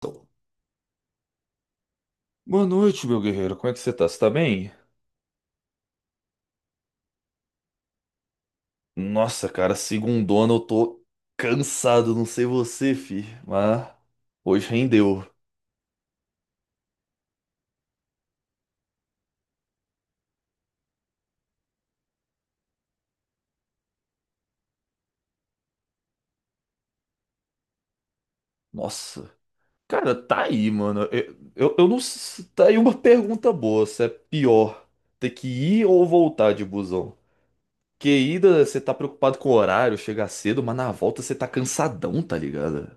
Então, boa noite, meu guerreiro. Como é que você tá? Você tá bem? Nossa, cara, segundona eu tô cansado, não sei você, fi, mas hoje rendeu. Nossa. Cara, tá aí, mano. Eu não. Tá aí uma pergunta boa, se é pior ter que ir ou voltar de busão? Porque ida você tá preocupado com o horário, chegar cedo, mas na volta você tá cansadão, tá ligado?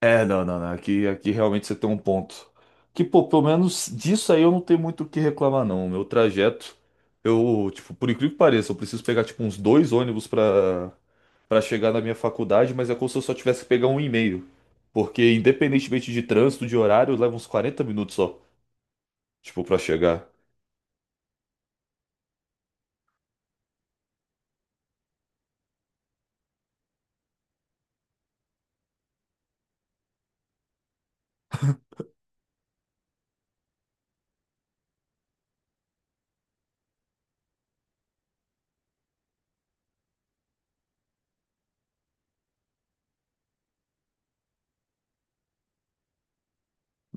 É, não, não, não. Aqui, aqui realmente você tem um ponto. Que, pô, pelo menos disso aí eu não tenho muito o que reclamar, não. O meu trajeto, eu, tipo, por incrível que pareça, eu preciso pegar, tipo, uns dois ônibus pra chegar na minha faculdade, mas é como se eu só tivesse que pegar um e meio. Porque, independentemente de trânsito, de horário, leva uns 40 minutos só, tipo, pra chegar.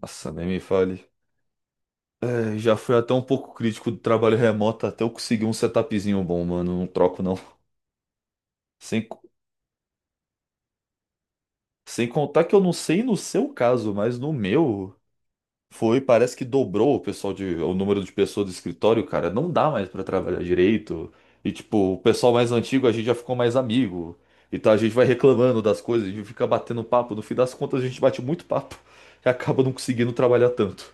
Nossa, nem me fale. É, já fui até um pouco crítico do trabalho remoto até eu conseguir um setupzinho bom, mano. Não troco, não. Sem, Sem contar que eu não sei no seu caso, mas no meu foi, parece que dobrou o pessoal de, o número de pessoas do escritório, cara. Não dá mais pra trabalhar direito. E tipo, o pessoal mais antigo a gente já ficou mais amigo. Então a gente vai reclamando das coisas, a gente fica batendo papo. No fim das contas a gente bate muito papo e acaba não conseguindo trabalhar tanto.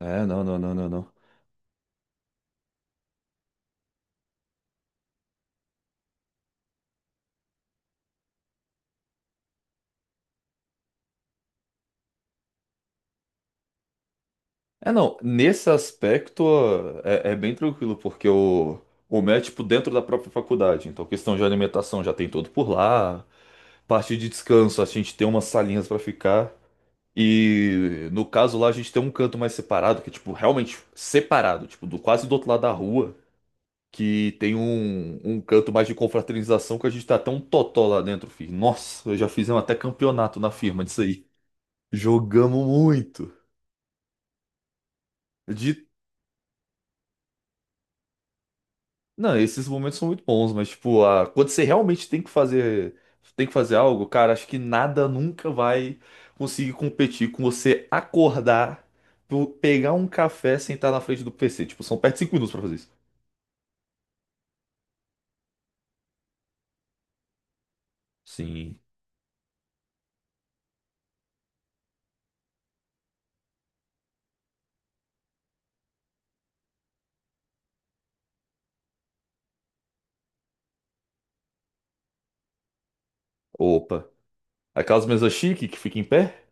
É, não, não, não, não, não. É, não, nesse aspecto ó, é, é bem tranquilo, porque o MEC, tipo, dentro da própria faculdade. Então, questão de alimentação já tem tudo por lá. Parte de descanso, a gente tem umas salinhas pra ficar. E no caso lá a gente tem um canto mais separado, que é tipo realmente separado, tipo do quase do outro lado da rua, que tem um canto mais de confraternização que a gente tá até um totó lá dentro, filho. Nossa, eu já fizemos até campeonato na firma disso aí. Jogamos muito. De Não, esses momentos são muito bons, mas tipo, quando você realmente tem que fazer algo, cara, acho que nada nunca vai conseguir competir com você acordar, tu pegar um café, sentar na frente do PC. Tipo, são perto de 5 minutos pra fazer isso. Sim. Opa. Aquelas mesas chique que fica em pé?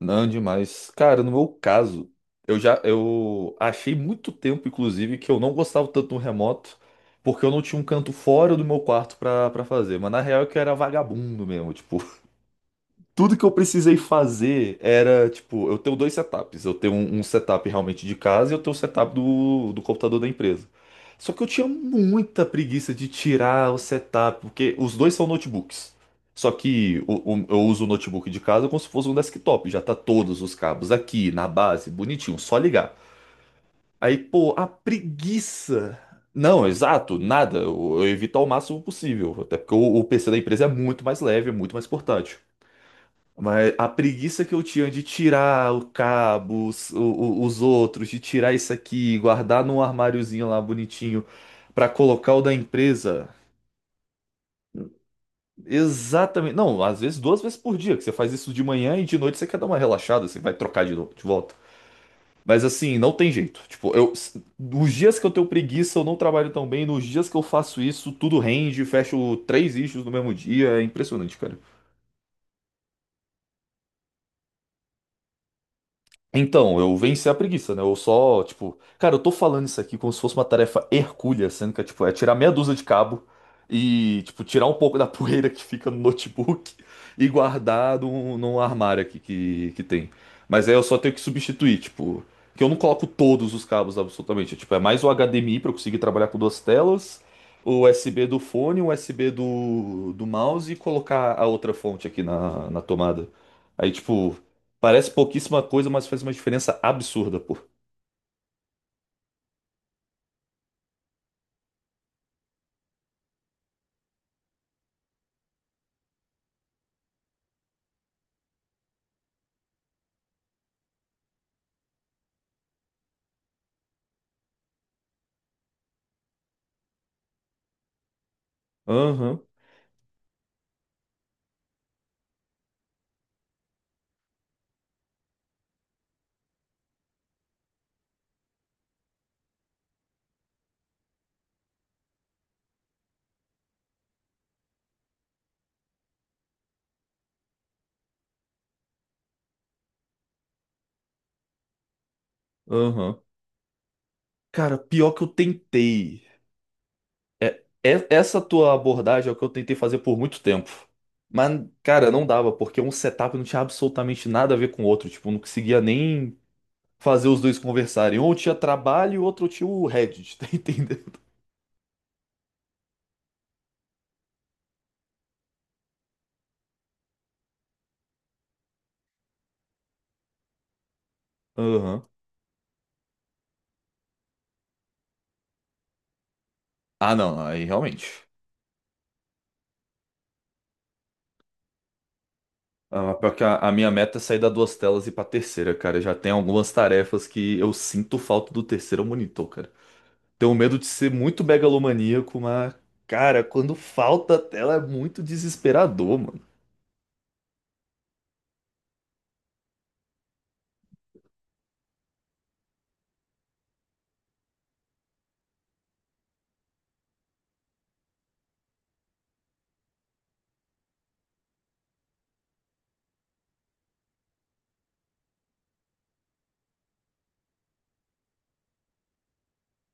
Não, demais. Cara, no meu caso, eu já eu achei muito tempo, inclusive, que eu não gostava tanto do remoto. Porque eu não tinha um canto fora do meu quarto pra fazer. Mas na real é que eu era vagabundo mesmo. Tipo, tudo que eu precisei fazer era, tipo, eu tenho dois setups. Eu tenho um setup realmente de casa e eu tenho o setup do computador da empresa. Só que eu tinha muita preguiça de tirar o setup, porque os dois são notebooks. Só que eu uso o notebook de casa como se fosse um desktop. Já tá todos os cabos aqui, na base, bonitinho, só ligar. Aí, pô, a preguiça. Não, exato, nada. Eu evito ao máximo possível. Até porque o PC da empresa é muito mais leve, é muito mais portátil. Mas a preguiça que eu tinha de tirar o cabo, os, os outros, de tirar isso aqui, guardar num armáriozinho lá bonitinho pra colocar o da empresa. Exatamente. Não, às vezes duas vezes por dia, que você faz isso de manhã e de noite você quer dar uma relaxada, você vai trocar de, novo, de volta. Mas assim, não tem jeito. Tipo, eu, os dias que eu tenho preguiça, eu não trabalho tão bem. Nos dias que eu faço isso, tudo rende, fecho três issues no mesmo dia. É impressionante, cara. Então, eu venci a preguiça, né? Eu só, tipo, cara, eu tô falando isso aqui como se fosse uma tarefa hercúlea, sendo que é, tipo, é tirar meia dúzia de cabo e, tipo, tirar um pouco da poeira que fica no notebook e guardar num armário aqui que tem. Mas aí eu só tenho que substituir, tipo, que eu não coloco todos os cabos absolutamente. É, tipo, é mais o HDMI pra eu conseguir trabalhar com duas telas, o USB do fone, o USB do mouse e colocar a outra fonte aqui na tomada. Aí, tipo. Parece pouquíssima coisa, mas faz uma diferença absurda, pô. Aham, aham. Cara, pior que eu tentei. É, essa tua abordagem é o que eu tentei fazer por muito tempo. Mas, cara, não dava, porque um setup não tinha absolutamente nada a ver com o outro. Tipo, eu não conseguia nem fazer os dois conversarem. Um tinha trabalho e o outro tinha o Reddit, tá entendendo? Aham. Ah, não, aí realmente. Ah, mas pior que a minha meta é sair da duas telas e ir pra terceira, cara. Já tem algumas tarefas que eu sinto falta do terceiro monitor, cara. Tenho medo de ser muito megalomaníaco, mas, cara, quando falta a tela é muito desesperador, mano.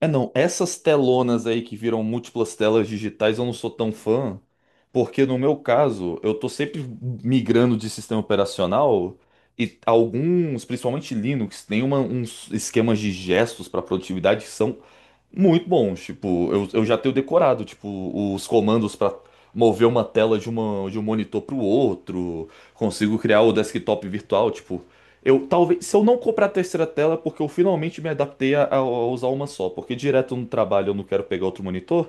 É não, essas telonas aí que viram múltiplas telas digitais eu não sou tão fã, porque no meu caso eu tô sempre migrando de sistema operacional e alguns, principalmente Linux, tem uns esquemas de gestos para produtividade que são muito bons. Tipo, eu já tenho decorado, tipo, os comandos para mover uma tela de, uma, de um monitor para o outro, consigo criar o desktop virtual, tipo. Eu talvez, se eu não comprar a terceira tela, é porque eu finalmente me adaptei a usar uma só, porque direto no trabalho eu não quero pegar outro monitor.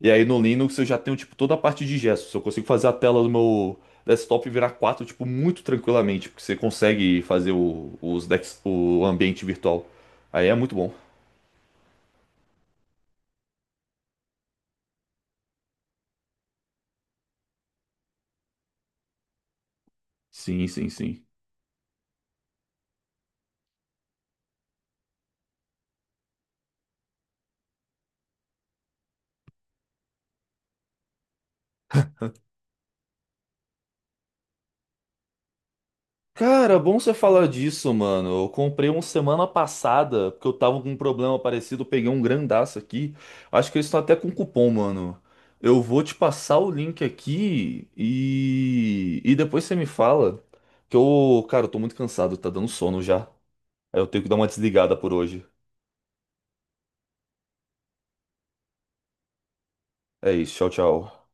E aí no Linux eu já tenho tipo toda a parte de gestos. Eu consigo fazer a tela do meu desktop virar 4 tipo, muito tranquilamente, porque você consegue fazer o, os dex, o ambiente virtual. Aí é muito bom. Sim, sim, sim. Cara, bom você falar disso, mano. Eu comprei um semana passada, porque eu tava com um problema parecido, eu peguei um grandaço aqui. Acho que eles estão até com cupom, mano. Eu vou te passar o link aqui e depois você me fala. Que eu, cara, eu tô muito cansado, tá dando sono já. Aí eu tenho que dar uma desligada por hoje. É isso, tchau, tchau.